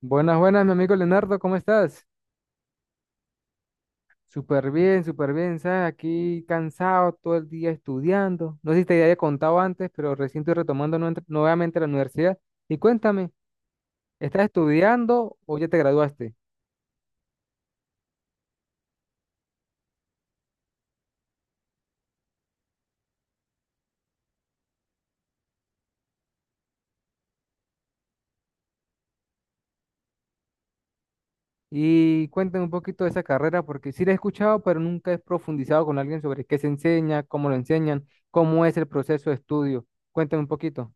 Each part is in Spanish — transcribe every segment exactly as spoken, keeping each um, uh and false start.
Buenas, buenas, mi amigo Leonardo, ¿cómo estás? Súper bien, súper bien, ¿sabes? Aquí cansado todo el día estudiando. No sé si te había contado antes, pero recién estoy retomando nuent- nuevamente la universidad. Y cuéntame, ¿estás estudiando o ya te graduaste? Y cuéntame un poquito de esa carrera, porque sí la he escuchado, pero nunca he profundizado con alguien sobre qué se enseña, cómo lo enseñan, cómo es el proceso de estudio. Cuéntame un poquito,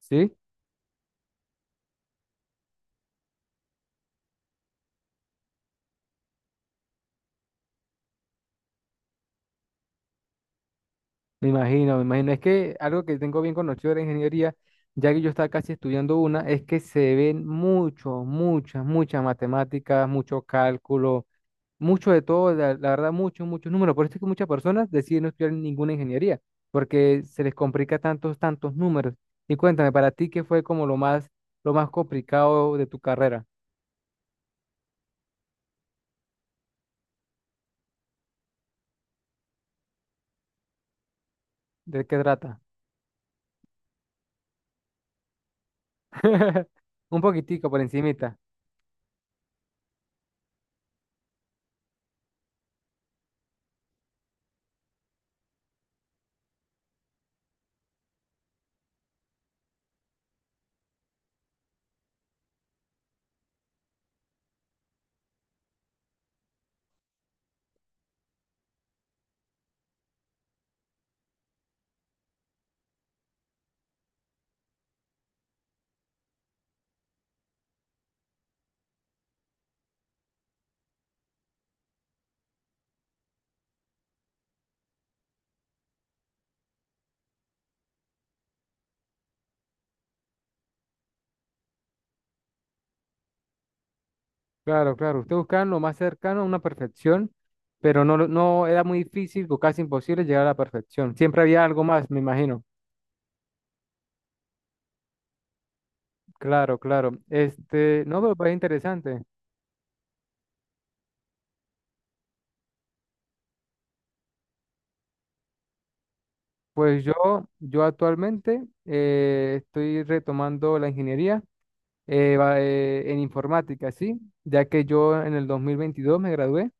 ¿sí? Me imagino, me imagino. Es que algo que tengo bien conocido de la ingeniería, ya que yo estaba casi estudiando una, es que se ven mucho, muchas, muchas matemáticas, mucho cálculo, mucho de todo, la, la verdad, muchos, muchos números. Por eso es que muchas personas deciden no estudiar ninguna ingeniería, porque se les complica tantos, tantos números. Y cuéntame, para ti, ¿qué fue como lo más, lo más complicado de tu carrera? ¿De qué trata? Un poquitico por encimita. Claro, claro, usted buscaba lo más cercano a una perfección, pero no, lo- no era muy difícil o casi imposible llegar a la perfección. Siempre había algo más, me imagino. Claro, claro. Este, no, pero parece interesante. Pues yo, yo actualmente eh, estoy retomando la ingeniería eh, va- eh, en informática, ¿sí? Ya que yo en el dos mil veintidós me gradué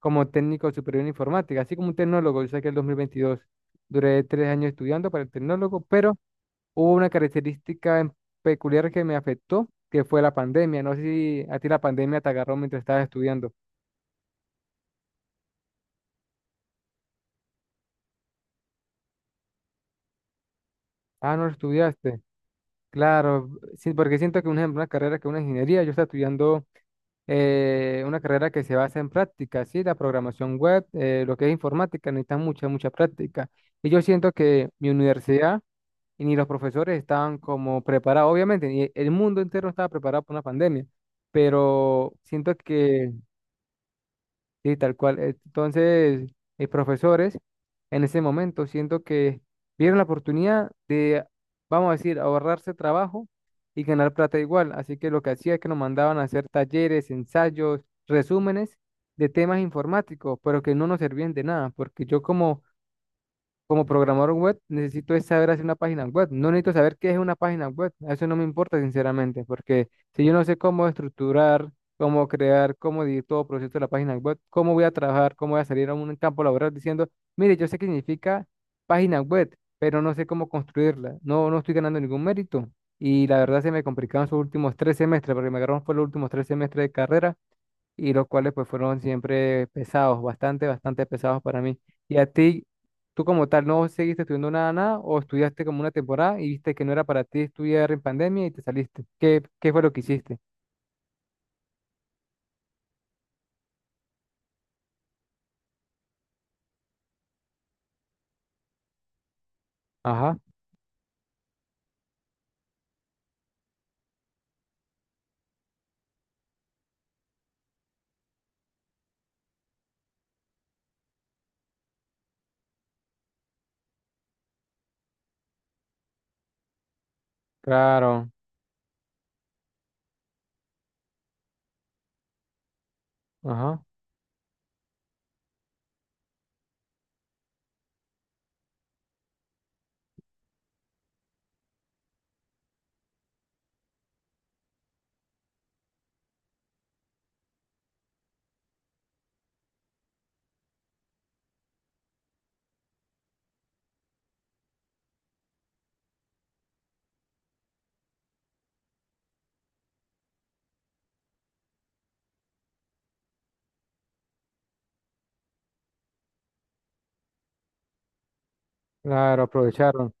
como técnico superior en informática, así como un tecnólogo, yo saqué el dos mil veintidós. Duré tres años estudiando para el tecnólogo, pero hubo una característica en- peculiar que me afectó, que fue la pandemia. No sé si a ti la pandemia te agarró mientras estabas estudiando. Ah, no estudiaste. Claro, sí, porque siento que, un ejemplo, una carrera que es una ingeniería, yo estaba estudiando eh, una carrera que se basa en práctica, ¿sí? La programación web, eh, lo que es informática, necesita mucha, mucha práctica. Y yo siento que mi universidad y ni los profesores estaban como preparados, obviamente, ni el mundo entero estaba preparado para una pandemia, pero siento que sí, tal cual. Entonces, eh, profesores, en ese momento siento que vieron la oportunidad de, vamos a decir, ahorrarse trabajo y ganar plata igual. Así que lo que hacía es que nos mandaban a hacer talleres, ensayos, resúmenes de temas informáticos, pero que no nos servían de nada, porque yo como como programador web, necesito es saber hacer una página web. No necesito saber qué es una página web. Eso no me importa, sinceramente, porque si yo no sé cómo estructurar, cómo crear, cómo dividir todo el proceso de la página web, cómo voy a trabajar, cómo voy a salir a un campo laboral diciendo, mire, yo sé qué significa página web, pero no sé cómo construirla. No, no estoy ganando ningún mérito. Y la verdad se me complicaron sus últimos tres semestres, porque me agarraron por los últimos tres semestres de carrera y los cuales pues fueron siempre pesados, bastante, bastante pesados para mí. Y a ti, tú como tal, ¿no seguiste estudiando nada, nada o estudiaste como una temporada y viste que no era para ti estudiar en pandemia y te saliste? ¿Qué, qué fue lo que hiciste? Ajá, claro, ajá, claro, aprovecharon.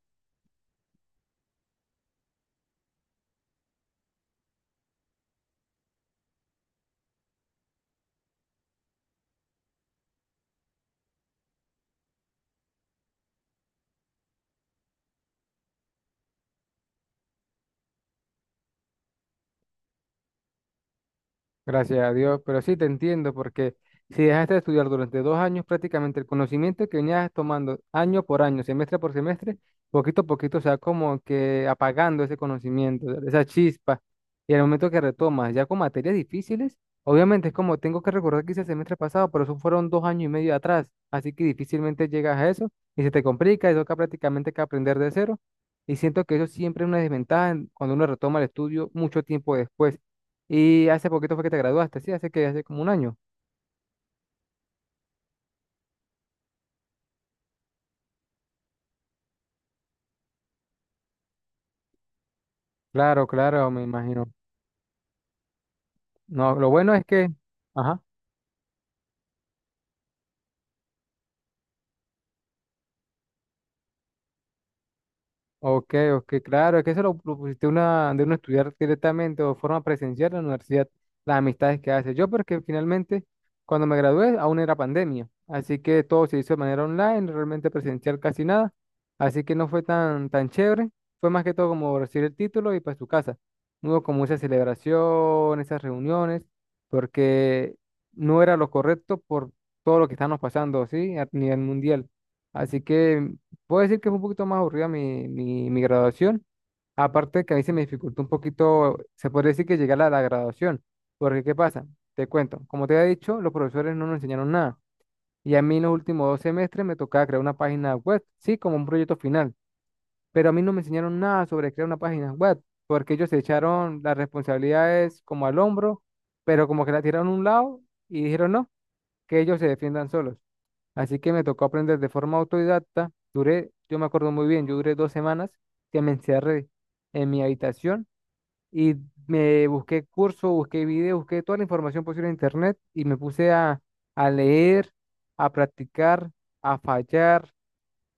Gracias a Dios, pero sí te entiendo porque si dejaste de estudiar durante dos años, prácticamente el conocimiento que venías tomando año por año, semestre por semestre, poquito a poquito se va como que apagando ese conocimiento, esa chispa. Y el momento que retomas, ya con materias difíciles, obviamente es como tengo que recordar que hice el semestre pasado, pero eso fueron dos años y medio atrás, así que difícilmente llegas a eso y se te complica, eso toca prácticamente que aprender de cero. Y siento que eso siempre es una desventaja en- cuando uno retoma el estudio mucho tiempo después. Y hace poquito fue que te graduaste, sí, hace que hace como un año. Claro, claro, me imagino. No, lo bueno es que, ajá. Ok, ok, claro, es que se lo propusiste una, de uno estudiar directamente o de forma presencial en la universidad, las amistades que hace. Yo, porque finalmente, cuando me gradué, aún era pandemia, así que todo se hizo de manera online, realmente presencial casi nada, así que no fue tan, tan chévere, fue más que todo como recibir el título y para su casa. No hubo como esa celebración, esas reuniones, porque no era lo correcto por todo lo que estamos pasando, ¿sí? A nivel mundial. Así que puedo decir que fue un poquito más aburrida mi, mi, mi graduación. Aparte que a mí se me dificultó un poquito, se podría decir que llegar a la graduación. Porque, ¿qué pasa? Te cuento. Como te había dicho, los profesores no nos enseñaron nada. Y a mí en los últimos dos semestres me tocaba crear una página web, sí, como un proyecto final. Pero a mí no me enseñaron nada sobre crear una página web. Porque ellos se echaron las responsabilidades como al hombro, pero como que la tiraron a un lado y dijeron no, que ellos se defiendan solos. Así que me tocó aprender de forma autodidacta. Duré, yo me acuerdo muy bien, yo duré dos semanas que me encerré en mi habitación y me busqué cursos, busqué videos, busqué toda la información posible en internet y me puse a, a leer, a practicar, a fallar,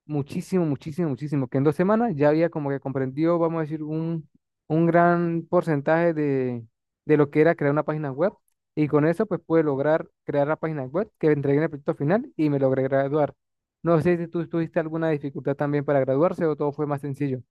muchísimo, muchísimo, muchísimo, que en dos semanas ya había como que comprendido, vamos a decir, un, un gran porcentaje de, de lo que era crear una página web. Y con eso, pues pude lograr crear la página web que entregué en el proyecto final y me logré graduar. No sé si tú tuviste alguna dificultad también para graduarse o todo fue más sencillo.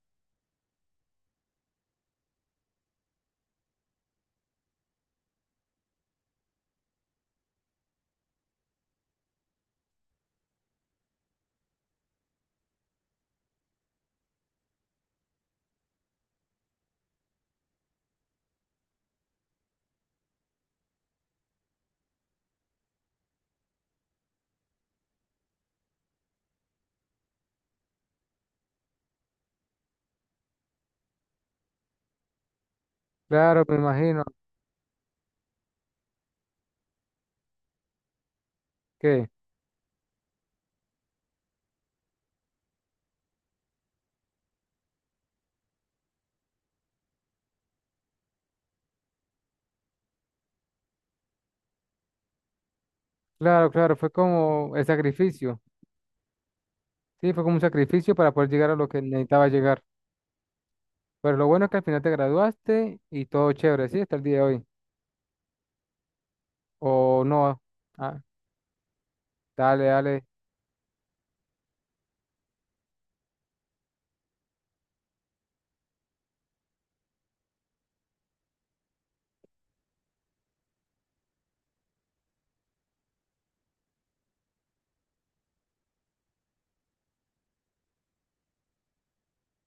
Claro, me imagino que, claro, claro, fue como el sacrificio. Sí, fue como un sacrificio para poder llegar a lo que necesitaba llegar. Pero lo bueno es que al final te graduaste y todo chévere, ¿sí? Hasta el día de hoy. O no. Dale, dale,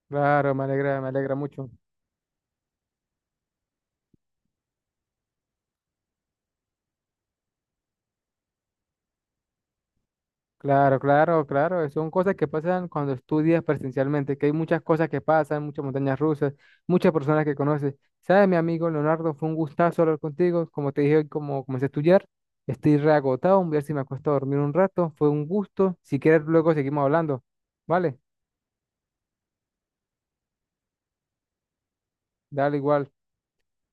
claro, me alegra, me alegra mucho. Claro, claro, claro, son cosas que pasan cuando estudias presencialmente, que hay muchas cosas que pasan, muchas montañas rusas, muchas personas que conoces. ¿Sabes, mi amigo Leonardo? Fue un gustazo hablar contigo. Como te dije hoy, como comencé a estudiar, estoy reagotado, voy a ver si me acuesto a dormir un rato. Fue un gusto. Si quieres, luego seguimos hablando. Vale, dale igual.